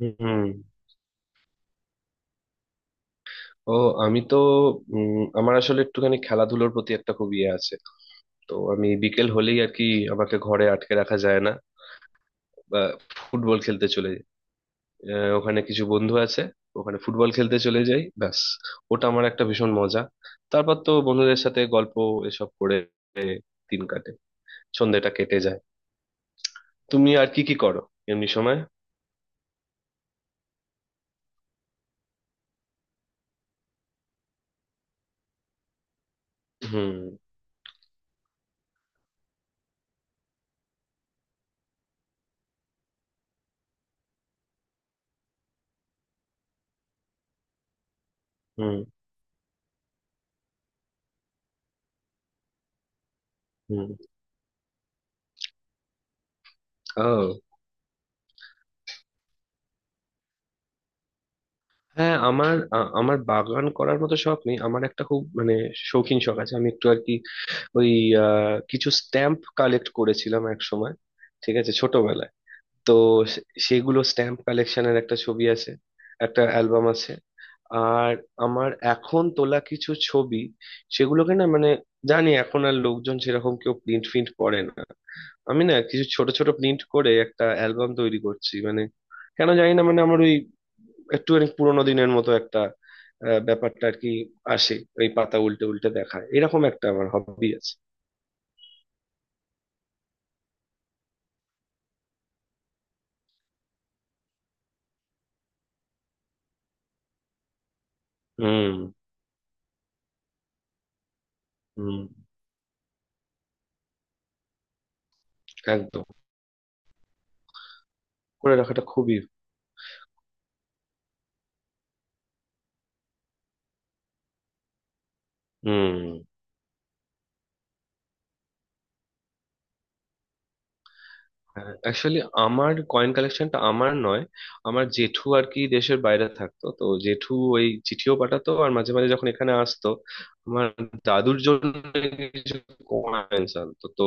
হুম। ও, আমি তো উম, আমার আসলে একটুখানি খেলাধুলোর প্রতি একটা খুব ইয়ে আছে। তো আমি বিকেল হলেই আর কি আমাকে ঘরে আটকে রাখা যায় না, বা ফুটবল খেলতে চলে যাই। ওখানে কিছু বন্ধু আছে, ওখানে ফুটবল খেলতে চলে যাই ব্যাস। ওটা আমার একটা ভীষণ মজা। তারপর তো বন্ধুদের সাথে গল্প, এসব করে দিন কাটে, সন্ধ্যেটা কেটে যায়। তুমি আর কি কি করো এমনি সময়? হুম। হুম। হুম। ও, হ্যাঁ, আমার বাগান করার মতো শখ নেই, আমার একটা খুব মানে শৌখিন শখ আছে। আমি একটু আর কি ওই কিছু স্ট্যাম্প কালেক্ট করেছিলাম এক সময়, ঠিক আছে, ছোটবেলায়। তো সেগুলো স্ট্যাম্প কালেকশনের একটা ছবি আছে, একটা অ্যালবাম আছে। আর আমার এখন তোলা কিছু ছবি, সেগুলোকে না মানে, জানি এখন আর লোকজন সেরকম কেউ প্রিন্ট ফিন্ট করে না, আমি না কিছু ছোট ছোট প্রিন্ট করে একটা অ্যালবাম তৈরি করছি। মানে কেন জানি না, মানে আমার ওই একটুখানি পুরোনো দিনের মতো একটা ব্যাপারটা আর কি আসে। ওই পাতা উল্টে উল্টে দেখা, এরকম একটা আমার হবি আছে। হুম। হুম। একদম। করে রাখাটা খুবই। হুম। অ্যাকচুয়ালি আমার কয়েন কালেকশনটা আমার নয়, আমার জেঠু আর কি দেশের বাইরে থাকতো, তো জেঠু ওই চিঠিও পাঠাতো আর মাঝে মাঝে যখন এখানে আসতো আমার দাদুর জন্য কিছু কয়েন আনতো। তো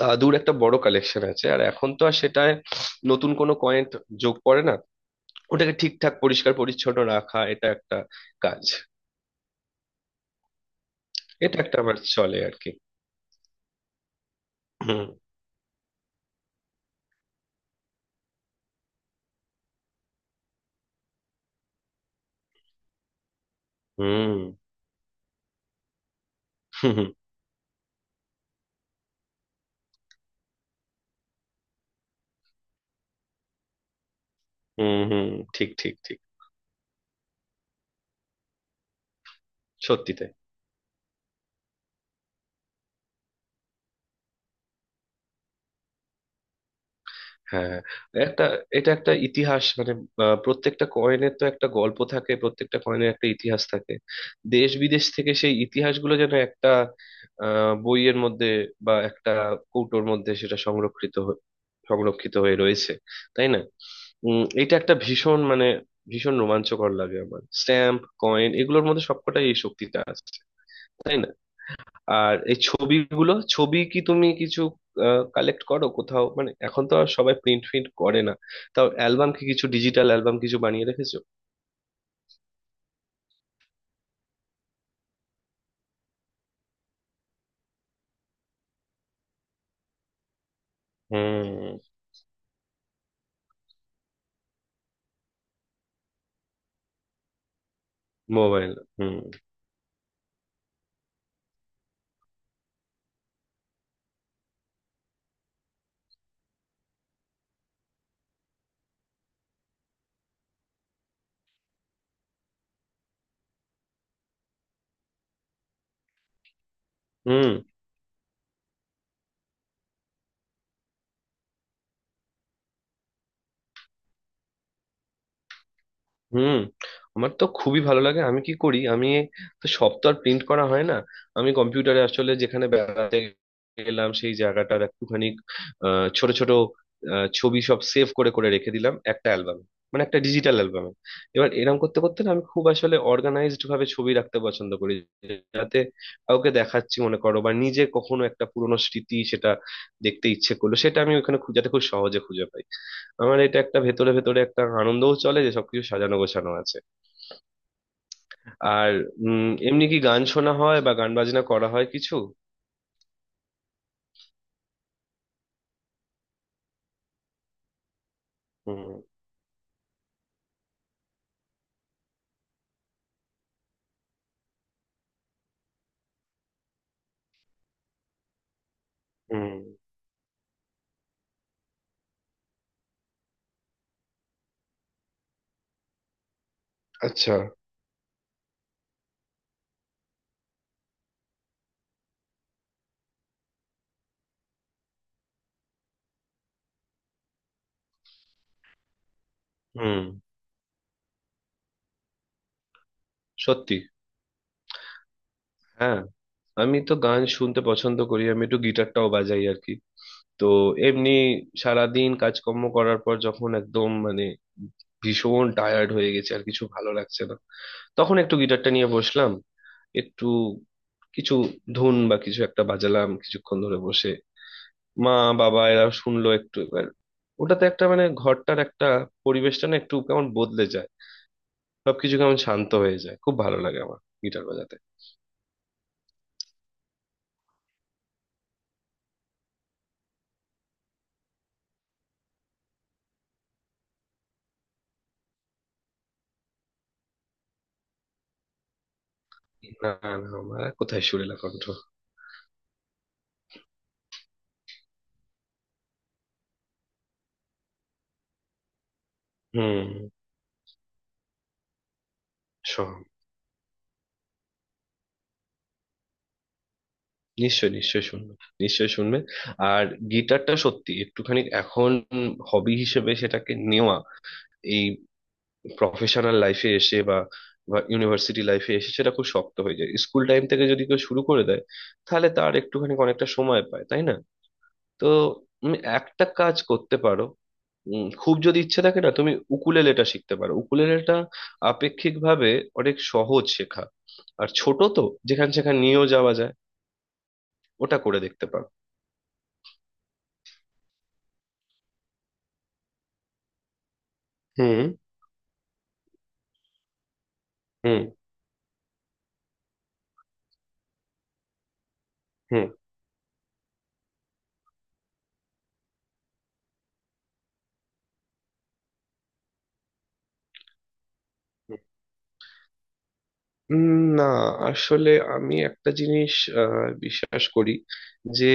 দাদুর একটা বড় কালেকশন আছে, আর এখন তো আর সেটায় নতুন কোনো কয়েন যোগ পড়ে না। ওটাকে ঠিকঠাক পরিষ্কার পরিচ্ছন্ন রাখা, এটা একটা কাজ। এটা একটা আমার চলে আর কি। হুম। হুম। হুম। হুম। হুম। হুম, ঠিক ঠিক ঠিক। সত্যি তাই। হ্যাঁ, একটা, এটা একটা ইতিহাস মানে। প্রত্যেকটা কয়েনের তো একটা গল্প থাকে, প্রত্যেকটা কয়েনের একটা ইতিহাস থাকে। দেশ বিদেশ থেকে সেই ইতিহাসগুলো যেন একটা বইয়ের মধ্যে বা একটা কৌটোর মধ্যে সেটা সংরক্ষিত হয়ে রয়েছে, তাই না? উম, এটা একটা ভীষণ মানে ভীষণ রোমাঞ্চকর লাগে আমার। স্ট্যাম্প কয়েন এগুলোর মধ্যে সবকটাই এই শক্তিটা আছে, তাই না? আর এই ছবিগুলো, ছবি কি তুমি কিছু কালেক্ট করো কোথাও? মানে এখন তো আর সবাই প্রিন্ট ফ্রিন্ট করে না, তাও অ্যালবাম কি কিছু ডিজিটাল অ্যালবাম কিছু বানিয়ে রেখেছো? হুম। মোবাইল। হুম। হুম। হুম। আমার তো খুবই ভালো লাগে। আমি কি করি, আমি তো সব তো আর প্রিন্ট করা হয় না, আমি কম্পিউটারে আসলে যেখানে বেড়াতে গেলাম সেই জায়গাটার একটুখানি ছোট ছোট ছবি সব সেভ করে করে রেখে দিলাম একটা অ্যালবাম, মানে একটা ডিজিটাল অ্যালবামে। এবার এরকম করতে করতে না আমি খুব আসলে অর্গানাইজড ভাবে ছবি রাখতে পছন্দ করি, যাতে কাউকে দেখাচ্ছি মনে করো বা নিজে কখনো একটা পুরোনো স্মৃতি সেটা দেখতে ইচ্ছে করলো, সেটা আমি ওখানে যাতে খুব সহজে খুঁজে পাই। আমার এটা একটা ভেতরে ভেতরে একটা আনন্দও চলে যে সবকিছু সাজানো গোছানো আছে। আর উম, এমনি কি গান শোনা হয় বা গান বাজনা করা হয় কিছু? হুম। হুম। আচ্ছা। হুম। সত্যি। হ্যাঁ, আমি তো গান শুনতে পছন্দ করি, আমি একটু গিটারটাও বাজাই আর কি। তো এমনি সারাদিন কাজকর্ম করার পর যখন একদম মানে ভীষণ টায়ার্ড হয়ে গেছে আর কিছু ভালো লাগছে না, তখন একটু গিটারটা নিয়ে বসলাম, একটু কিছু ধুন বা কিছু একটা বাজালাম কিছুক্ষণ ধরে বসে। মা বাবা এরা শুনলো একটু। এবার ওটাতে একটা মানে ঘরটার একটা পরিবেশটা না একটু কেমন বদলে যায়, সবকিছু কেমন শান্ত হয়ে যায়। খুব ভালো লাগে আমার গিটার বাজাতে। না, না, আমার আর কোথায় সুরেলা কণ্ঠ। হুম। শোন। নিশ্চয় নিশ্চয় শুনবে, নিশ্চয় শুনবে। আর গিটারটা সত্যি একটুখানি এখন হবি হিসেবে সেটাকে নেওয়া, এই প্রফেশনাল লাইফে এসে বা বা ইউনিভার্সিটি লাইফে এসে সেটা খুব শক্ত হয়ে যায়। স্কুল টাইম থেকে যদি কেউ শুরু করে দেয় তাহলে তার একটুখানি অনেকটা সময় পায়, তাই না? তো তুমি একটা কাজ করতে পারো, খুব যদি ইচ্ছে থাকে না, তুমি উকুলেলেটা শিখতে পারো। উকুলেলেটা আপেক্ষিকভাবে অনেক সহজ শেখা, আর ছোট তো, যেখান সেখান নিয়েও যাওয়া যায়। ওটা করে দেখতে পারো। হুম। হুম। হুম। হুম। না, আসলে আমি একটা জিনিস আহ, বিশ্বাস করি যে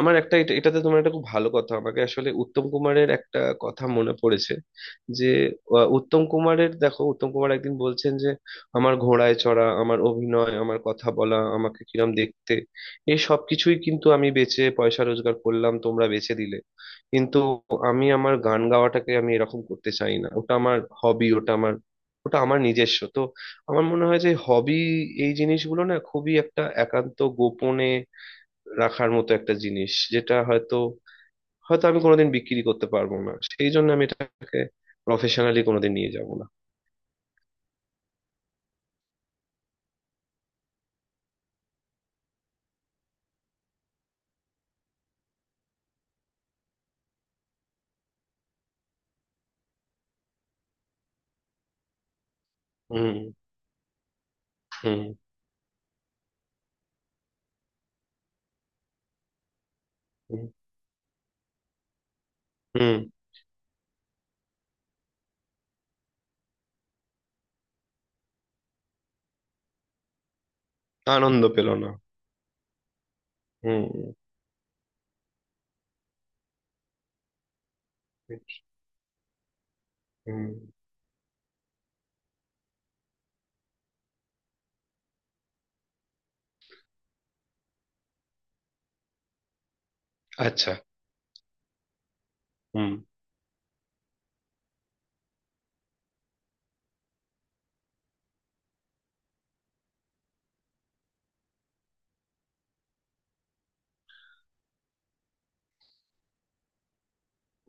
আমার একটা এটাতে তোমার একটা খুব ভালো কথা, আমাকে আসলে উত্তম কুমারের একটা কথা মনে পড়েছে। যে উত্তম কুমারের, দেখো, উত্তম কুমার একদিন বলছেন যে আমার ঘোড়ায় চড়া, আমার অভিনয়, আমার কথা বলা, আমাকে কিরম দেখতে, এই সব কিছুই কিন্তু আমি বেচে পয়সা রোজগার করলাম, তোমরা বেচে দিলে। কিন্তু আমি আমার গান গাওয়াটাকে আমি এরকম করতে চাই না। ওটা আমার হবি, ওটা আমার, ওটা আমার নিজস্ব। তো আমার মনে হয় যে হবি এই জিনিসগুলো না খুবই একটা একান্ত গোপনে রাখার মতো একটা জিনিস। যেটা হয়তো, হয়তো আমি কোনোদিন বিক্রি করতে পারবো না, সেই জন্য আমি এটাকে প্রফেশনালি কোনোদিন নিয়ে যাব না। হুম। হুম। হুম। হুম। আনন্দ পেল না। হুম। হুম। আচ্ছা। হুম।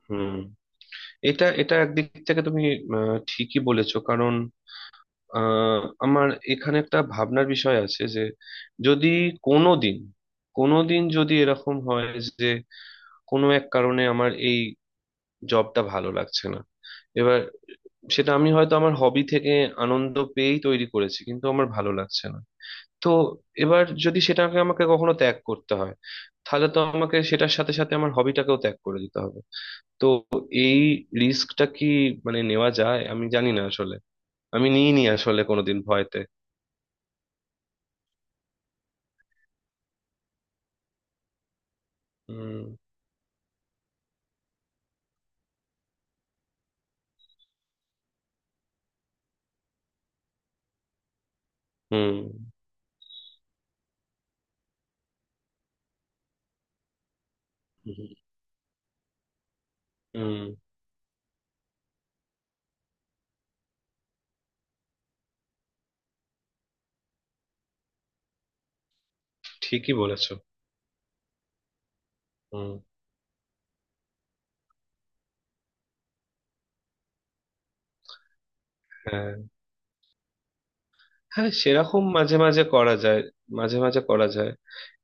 হুম। এটা এটা একদিক থেকে তুমি ঠিকই বলেছো, কারণ আহ, আমার এখানে একটা ভাবনার বিষয় আছে যে যদি কোনোদিন, কোনোদিন যদি এরকম হয় যে কোনো এক কারণে আমার এই জবটা ভালো লাগছে না, এবার সেটা আমি হয়তো আমার হবি থেকে আনন্দ পেয়েই তৈরি করেছি, কিন্তু আমার ভালো লাগছে না। তো এবার যদি সেটাকে আমাকে কখনো ত্যাগ করতে হয় তাহলে তো আমাকে সেটার সাথে সাথে আমার হবিটাকেও ত্যাগ করে দিতে হবে। তো এই রিস্কটা কি মানে নেওয়া যায়, আমি জানি না আসলে, আমি নিইনি আসলে কোনোদিন ভয়তে। হুম। হুম। হুম। হুম, ঠিকই বলেছো। হুম। হ্যাঁ। হ্যাঁ, সেরকম মাঝে মাঝে করা যায়, মাঝে মাঝে করা যায়।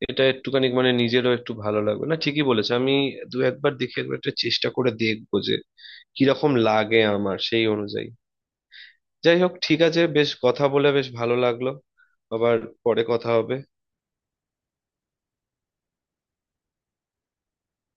এটা একটুখানি মানে নিজেরও একটু ভালো লাগবে না, ঠিকই বলেছে। আমি দু একবার দেখে, একবার একটা চেষ্টা করে দেখবো যে কিরকম লাগে আমার, সেই অনুযায়ী। যাই হোক, ঠিক আছে, বেশ কথা বলে বেশ ভালো লাগলো। আবার পরে কথা হবে।